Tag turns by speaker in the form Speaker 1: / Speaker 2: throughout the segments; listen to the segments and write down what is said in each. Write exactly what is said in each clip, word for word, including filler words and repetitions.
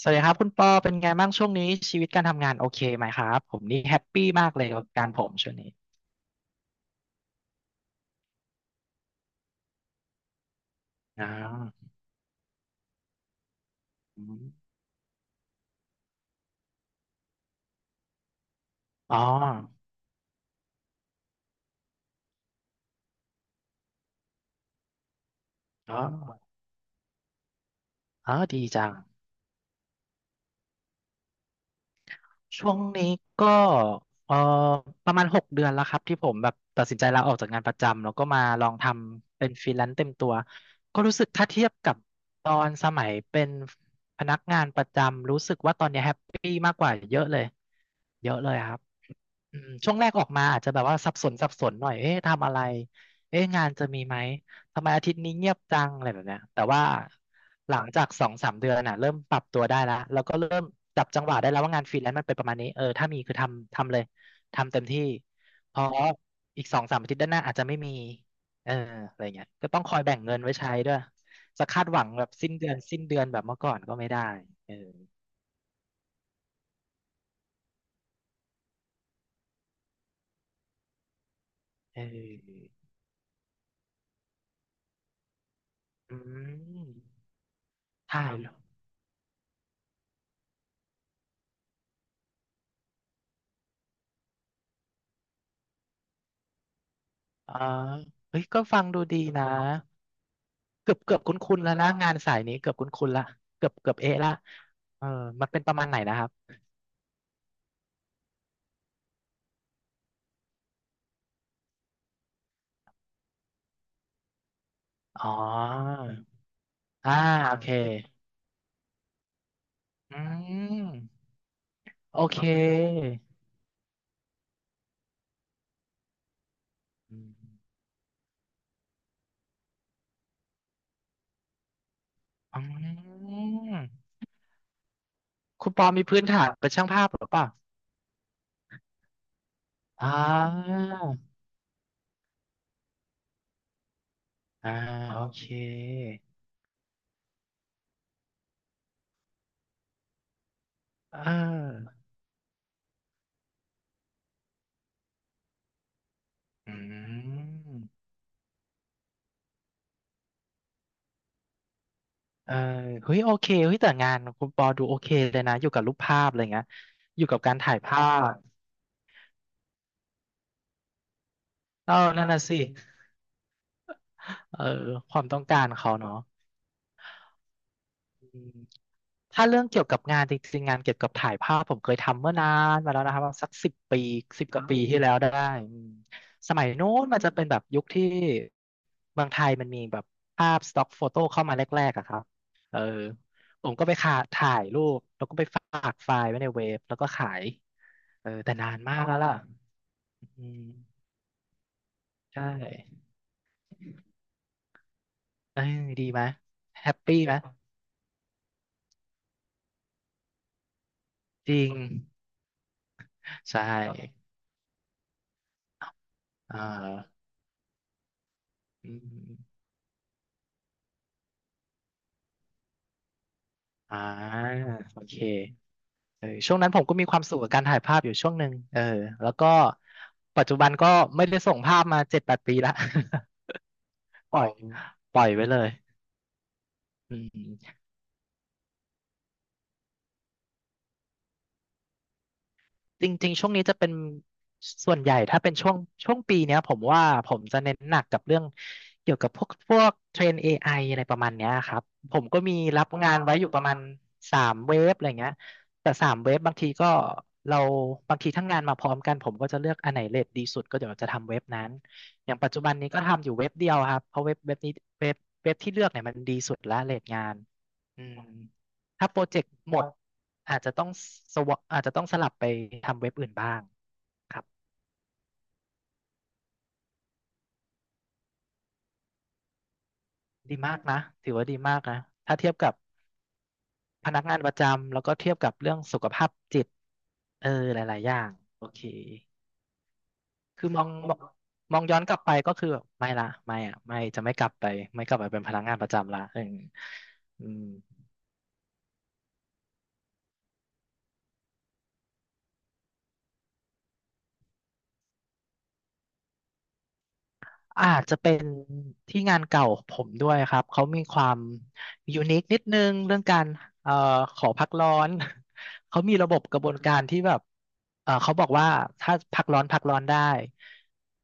Speaker 1: สวัสดีครับคุณปอเป็นไงบ้างช่วงนี้ชีวิตการทำงานโอเคไหมครับผมนี่แฮปปี้มากเลยกับการผมช่วงนี้อ่าอมอ๋ออ๋ออ๋อดีจังช่วงนี้ก็เอ่อประมาณหกเดือนแล้วครับที่ผมแบบตัดสินใจลาออกจากงานประจำแล้วก็มาลองทำเป็นฟรีแลนซ์เต็มตัวก็รู้สึกถ้าเทียบกับตอนสมัยเป็นพนักงานประจำรู้สึกว่าตอนนี้แฮปปี้มากกว่าเยอะเลยเยอะเลยครับ อืมช่วงแรกออกมาอาจจะแบบว่าสับสนสับสนหน่อย เอ๊ะทำอะไร เอ๊ะงานจะมีไหม ทำไมอาทิตย์นี้เงียบจังอะไรแบบเนี้ยแต่ว่าหลังจากสองสามเดือนน่ะเริ่มปรับตัวได้แล้วแล้วก็เริ่มจับจังหวะได้แล้วว่างานฟรีแลนซ์มันเป็นประมาณนี้เออถ้ามีคือทำทำเลยทำเต็มที่เพราะอีกสองสามอาทิตย์ด้านหน้าอาจจะไม่มีเอออะไรเงี้ยก็ต้องคอยแบ่งเงินไว้ใช้ด้วยจะคาดหวังแบบสิ้นเดือนสิ้นเดือนแบบเมื่อก่อนก็ไม่ได้เออเอออืมใชย อ่าเฮ้ยก็ฟังดูดีนะเกือบเกือบคุ้นๆแล้วนะงานสายนี้เกือบคุ้นๆละเกือบเกือบเอะละเออมันเป็นประมาณไหนนะครับ อ๋ออ่าโอเคอืมโอเคอืมคุณปอมีพื้นฐานเป็นช่างภาพหรือเปล่าอ่าอ่าโอเคเอออืม เออเฮ้ยโอเคเฮ้ยแต่งานคุณปอดูโอเคเลยนะอยู่กับรูปภาพอะไรเงี้ยอยู่กับการถ่ายภาพเออนั่นน่ะสิเออความต้องการเขาเนาะ ถ้าเรื่องเกี่ยวกับงานจริงๆงานเกี่ยวกับถ่ายภาพผมเคยทำเมื่อนานมาแล้วนะครับสักสิบปีสิบกว่าปีที่แล้วได้อืมสมัยนู้นมันจะเป็นแบบยุคที่เมืองไทยมันมีแบบภาพสต็อกโฟโต้เข้ามาแรกๆอะครับเออผมก็ไปขาถ่ายรูปแล้วก็ไปฝากไฟล์ไว้ในเว็บแล้วก็ขายเออแต่นานมากแล้วล่ะอืมใช่เอ้ยดีไหมแฮปปี้ไหมจริงใช่อ่าอืมอ่าโอเค เออช่วงนั้นผมก็มีความสุขกับการถ่ายภาพอยู่ช่วงหนึ่งเออแล้วก็ปัจจุบันก็ไม่ได้ส่งภาพมาเจ็ดแปดปีละ ปล่อยปล่อยไว้เลยอืม จริงๆ ช่วงนี้จะเป็นส่วนใหญ่ถ้าเป็นช่วงช่วงปีเนี้ยผมว่าผมจะเน้นหนักกับเรื่องเกี่ยวกับพวกพวกเทรน เอ ไอ อไออะไรประมาณเนี้ยครับผมก็มีรับงานไว้อยู่ประมาณสามเว็บอะไรเงี้ยแต่สามเว็บบางทีก็เราบางทีทั้งงานมาพร้อมกันผมก็จะเลือกอันไหนเรทดีสุดก็เดี๋ยวจะทำเว็บนั้นอย่างปัจจุบันนี้ก็ทำอยู่เว็บเดียวครับเพราะเว็บเว็บนี้เว็บเว็บที่เลือกเนี่ยมันดีสุดละเรทงานอืมถ้าโปรเจกต์หมด อาจจะต้องสวอาจจะต้องสลับไปทำเว็บอื่นบ้างครับดีมากนะถือว่าดีมากนะถ้าเทียบกับพนักงานประจำแล้วก็เทียบกับเรื่องสุขภาพจิตเออหลายๆอย่างโอเคคือมองมองมองย้อนกลับไปก็คือแบบไม่ละไม่อะไม่จะไม่กลับไปไม่กลับไปเป็นพนักงานประจำละเอออืม อาจจะเป็นที่งานเก่าผมด้วยครับ เขามีความยูนิคนิดนึงเรื่องการเอ่อขอพักร้อน เขามีระบบกระบวนการที่แบบเอ่อเขาบอกว่าถ้าพักร้อนพักร้อนได้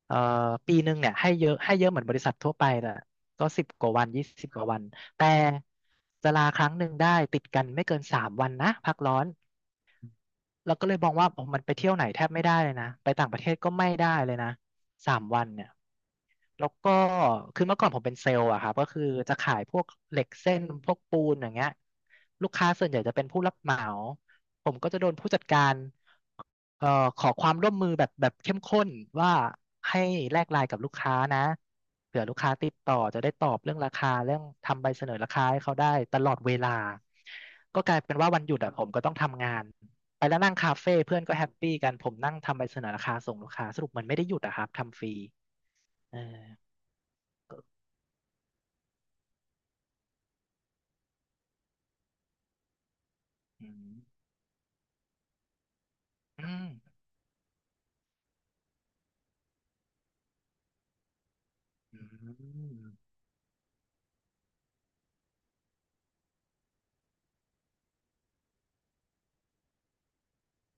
Speaker 1: เอ่อปีหนึ่งเนี่ยให้เยอะให้เยอะเหมือนบริษัททั่วไปแหละก็สิบกว่าวันยี่สิบกว่าวันแต่จะลาครั้งหนึ่งได้ติดกันไม่เกินสามวันนะพักร้อน แล้วก็เลยมองว่าโอ้มันไปเที่ยวไหนแทบไม่ได้เลยนะ ไปต่างประเทศก็ไม่ได้เลยนะ สามวันเนี่ยแล้วก็คือเมื่อก่อนผมเป็นเซลล์อะครับก็คือจะขายพวกเหล็กเส้นพวกปูนอย่างเงี้ยลูกค้าส่วนใหญ่จะเป็นผู้รับเหมาผมก็จะโดนผู้จัดการเอ่อขอความร่วมมือแบบแบบเข้มข้นว่าให้แลกไลน์กับลูกค้านะเผื่อลูกค้าติดต่อจะได้ตอบเรื่องราคาเรื่องทำใบเสนอราคาให้เขาได้ตลอดเวลาก็กลายเป็นว่าวันหยุดอะผมก็ต้องทำงาน ไปแล้วนั่งคาเฟ่เพื่อนก็แฮปปี้กันผมนั่งทำใบเสนอราคาส่งลูกค้าสรุปมันไม่ได้หยุดอะครับทำฟรีเอออืมอืมอืม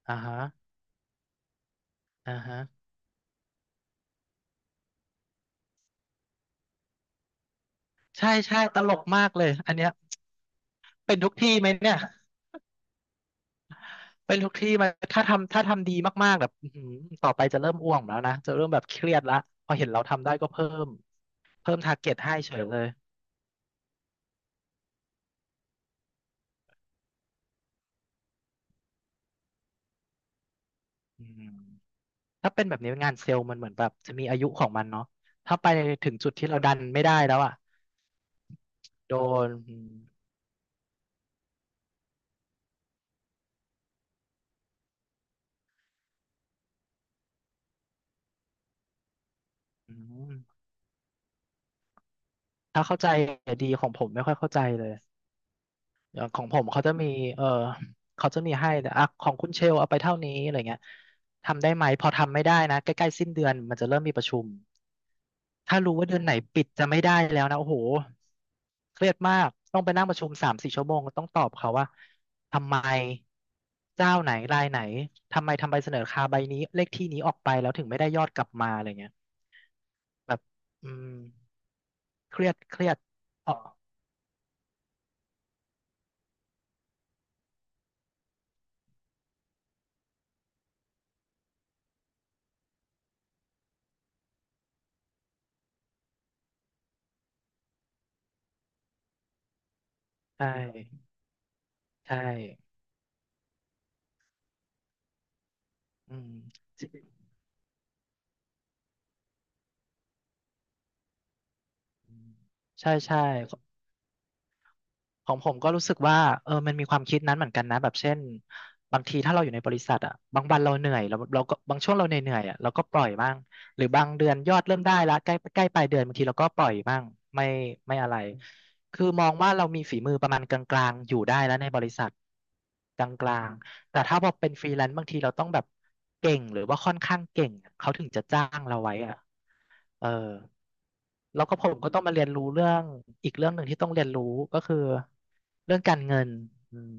Speaker 1: อ่าฮะอ่าฮะใช่ใช่ตลกมากเลยอันเนี้ยเป็นทุกที่ไหมเนี่ยเป็นทุกที่ไหมถ้าทำถ้าทำดีมากๆแบบอื้อหือต่อไปจะเริ่มอ้วงแล้วนะจะเริ่มแบบเครียดละพอเห็นเราทำได้ก็เพิ่มเพิ่มทาร์เก็ตให้เฉยเลยอืมถ้าเป็นแบบนี้งานเซลล์มันเหมือนแบบจะมีอายุของมันเนาะถ้าไปถึงจุดที่เราดันไม่ได้แล้วอะโดน อืมถ้าเข้าใจดีของผมไม่ค่อยเข้าใจเลยอย่างของผมเขาจะมีเออเขาจะมีให้แต่อ่ะของคุณเชลเอาไปเท่านี้อะไรเงี้ยทำได้ไหมพอทำไม่ได้นะใกล้ๆสิ้นเดือนมันจะเริ่มมีประชุมถ้ารู้ว่าเดือนไหนปิดจะไม่ได้แล้วนะโอ้โหเครียดมากต้องไปนั่งประชุมสามสี่ชั่วโมงต้องตอบเขาว่าทำไมเจ้าไหนรายไหนทำไมทำใบเสนอราคาใบนี้เลขที่นี้ออกไปแล้วถึงไม่ได้ยอดกลับมาอะไรเงี้ยแบบอืมเครียดเครียด ใช่ใช่อืมใช่ใช่ของอผมก็รู้สึกว่าเออมันมีความคิดนั้นเหมือนกันนะแบบเช่นบางทีถ้าเราอยู่ในบริษัทอ่ะบางวันเราเหนื่อยเราเราก็บางช่วงเราเหนื่อยๆอ่ะเราก็ปล่อยบ้างหรือบางเดือนยอดเริ่มได้ละใกล้ใกล้ปลายเดือนบางทีเราก็ปล่อยบ้างไม่ไม่อะไรคือมองว่าเรามีฝีมือประมาณกลางๆอยู่ได้แล้วในบริษัทกลางๆแต่ถ้าพอเป็นฟรีแลนซ์บางทีเราต้องแบบเก่งหรือว่าค่อนข้างเก่งอะเขาถึงจะจ้างเราไว้อ่ะเออ แล้วก็ผมก็ต้องมาเรียนรู้เรื่องอีกเรื่องหนึ่งที่ต้องเรียนรู้ก็คือเรื่องการเงินอืม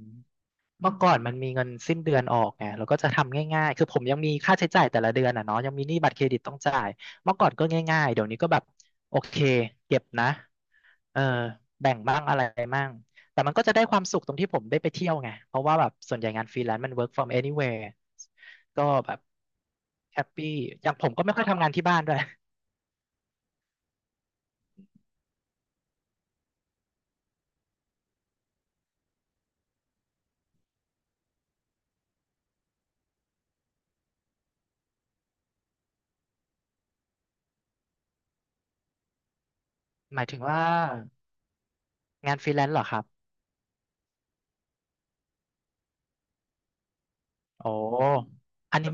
Speaker 1: เมื่อก่อนมันมีเงินสิ้นเดือนออกไงเราก็จะทำง่ายๆคือผมยังมีค่าใช้จ่ายแต่ละเดือนอ่ะเนาะยังมีหนี้บัตรเครดิตต้องจ่ายเมื่อก่อนก็ง่ายๆเดี๋ยวนี้ก็แบบโอเคเก็บนะเออแบ่งบ้างอะไรบ้างแต่มันก็จะได้ความสุขตรงที่ผมได้ไปเที่ยวไงเพราะว่าแบบส่วนใหญ่งานฟรีแลนซ์มัน work from anywhere ก็แบบแฮปปี้อย่างผมก็ไม่ค่อยทำงานที่บ้านด้วยหมายถึงว่า งานฟรีแลนซ์เหรอครับโอ้อันนี้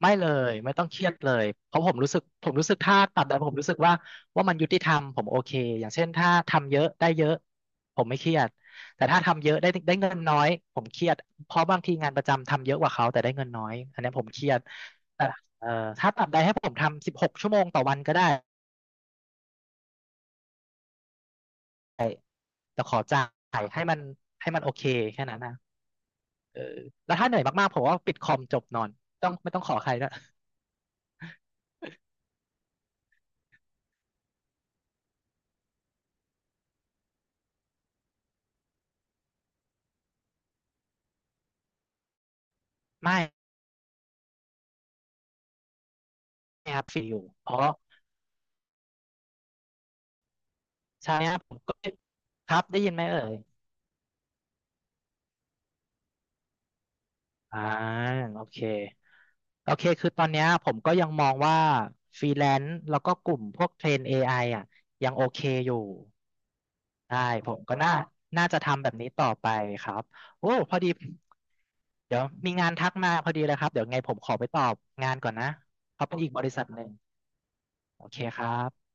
Speaker 1: ไม่เลยไม่ต้องเครียดเลยเพราะผมรู้สึกผมรู้สึกถ้าตัดแต่ผมรู้สึกว่าว่ามันยุติธรรมผมโอเคอย่างเช่นถ้าทำเยอะได้เยอะผมไม่เครียดแต่ถ้าทำเยอะได้ได้เงินน้อยผมเครียดเพราะบางทีงานประจำทำเยอะกว่าเขาแต่ได้เงินน้อยอันนี้ผมเครียดแต่เอ่อถ้าตัดใดให้ผมทำสิบหกชั่วโมงต่อวันก็ได้แต่ขอจ่ายให้มันให้มันโอเคแค่นั้นนะแล้วถ้าเหนื่อยมากๆผมว่าปิดคอมจบนอนต้องไม่ต้องขอใครด้วยไม่ครับฟรีอยู่เพราะ ใช่ครับผมก็ครับได้ยินไหมเอ่ยอ่าโอเคโอเคคือตอนเนี้ยผมก็ยังมองว่าฟรีแลนซ์แล้วก็กลุ่มพวกเทรน เอ ไอ อไออ่ะยังโอเคอยู่ใช่ผมก็น่าน่าจะทำแบบนี้ต่อไปครับโอ้พอดีเดี๋ยวมีงานทักมาพอดีเลยครับเดี๋ยวไงผมขอไปตอบงานก่อนนะเขาเป็นอีกบริษัทหนึ่งโอเคครับ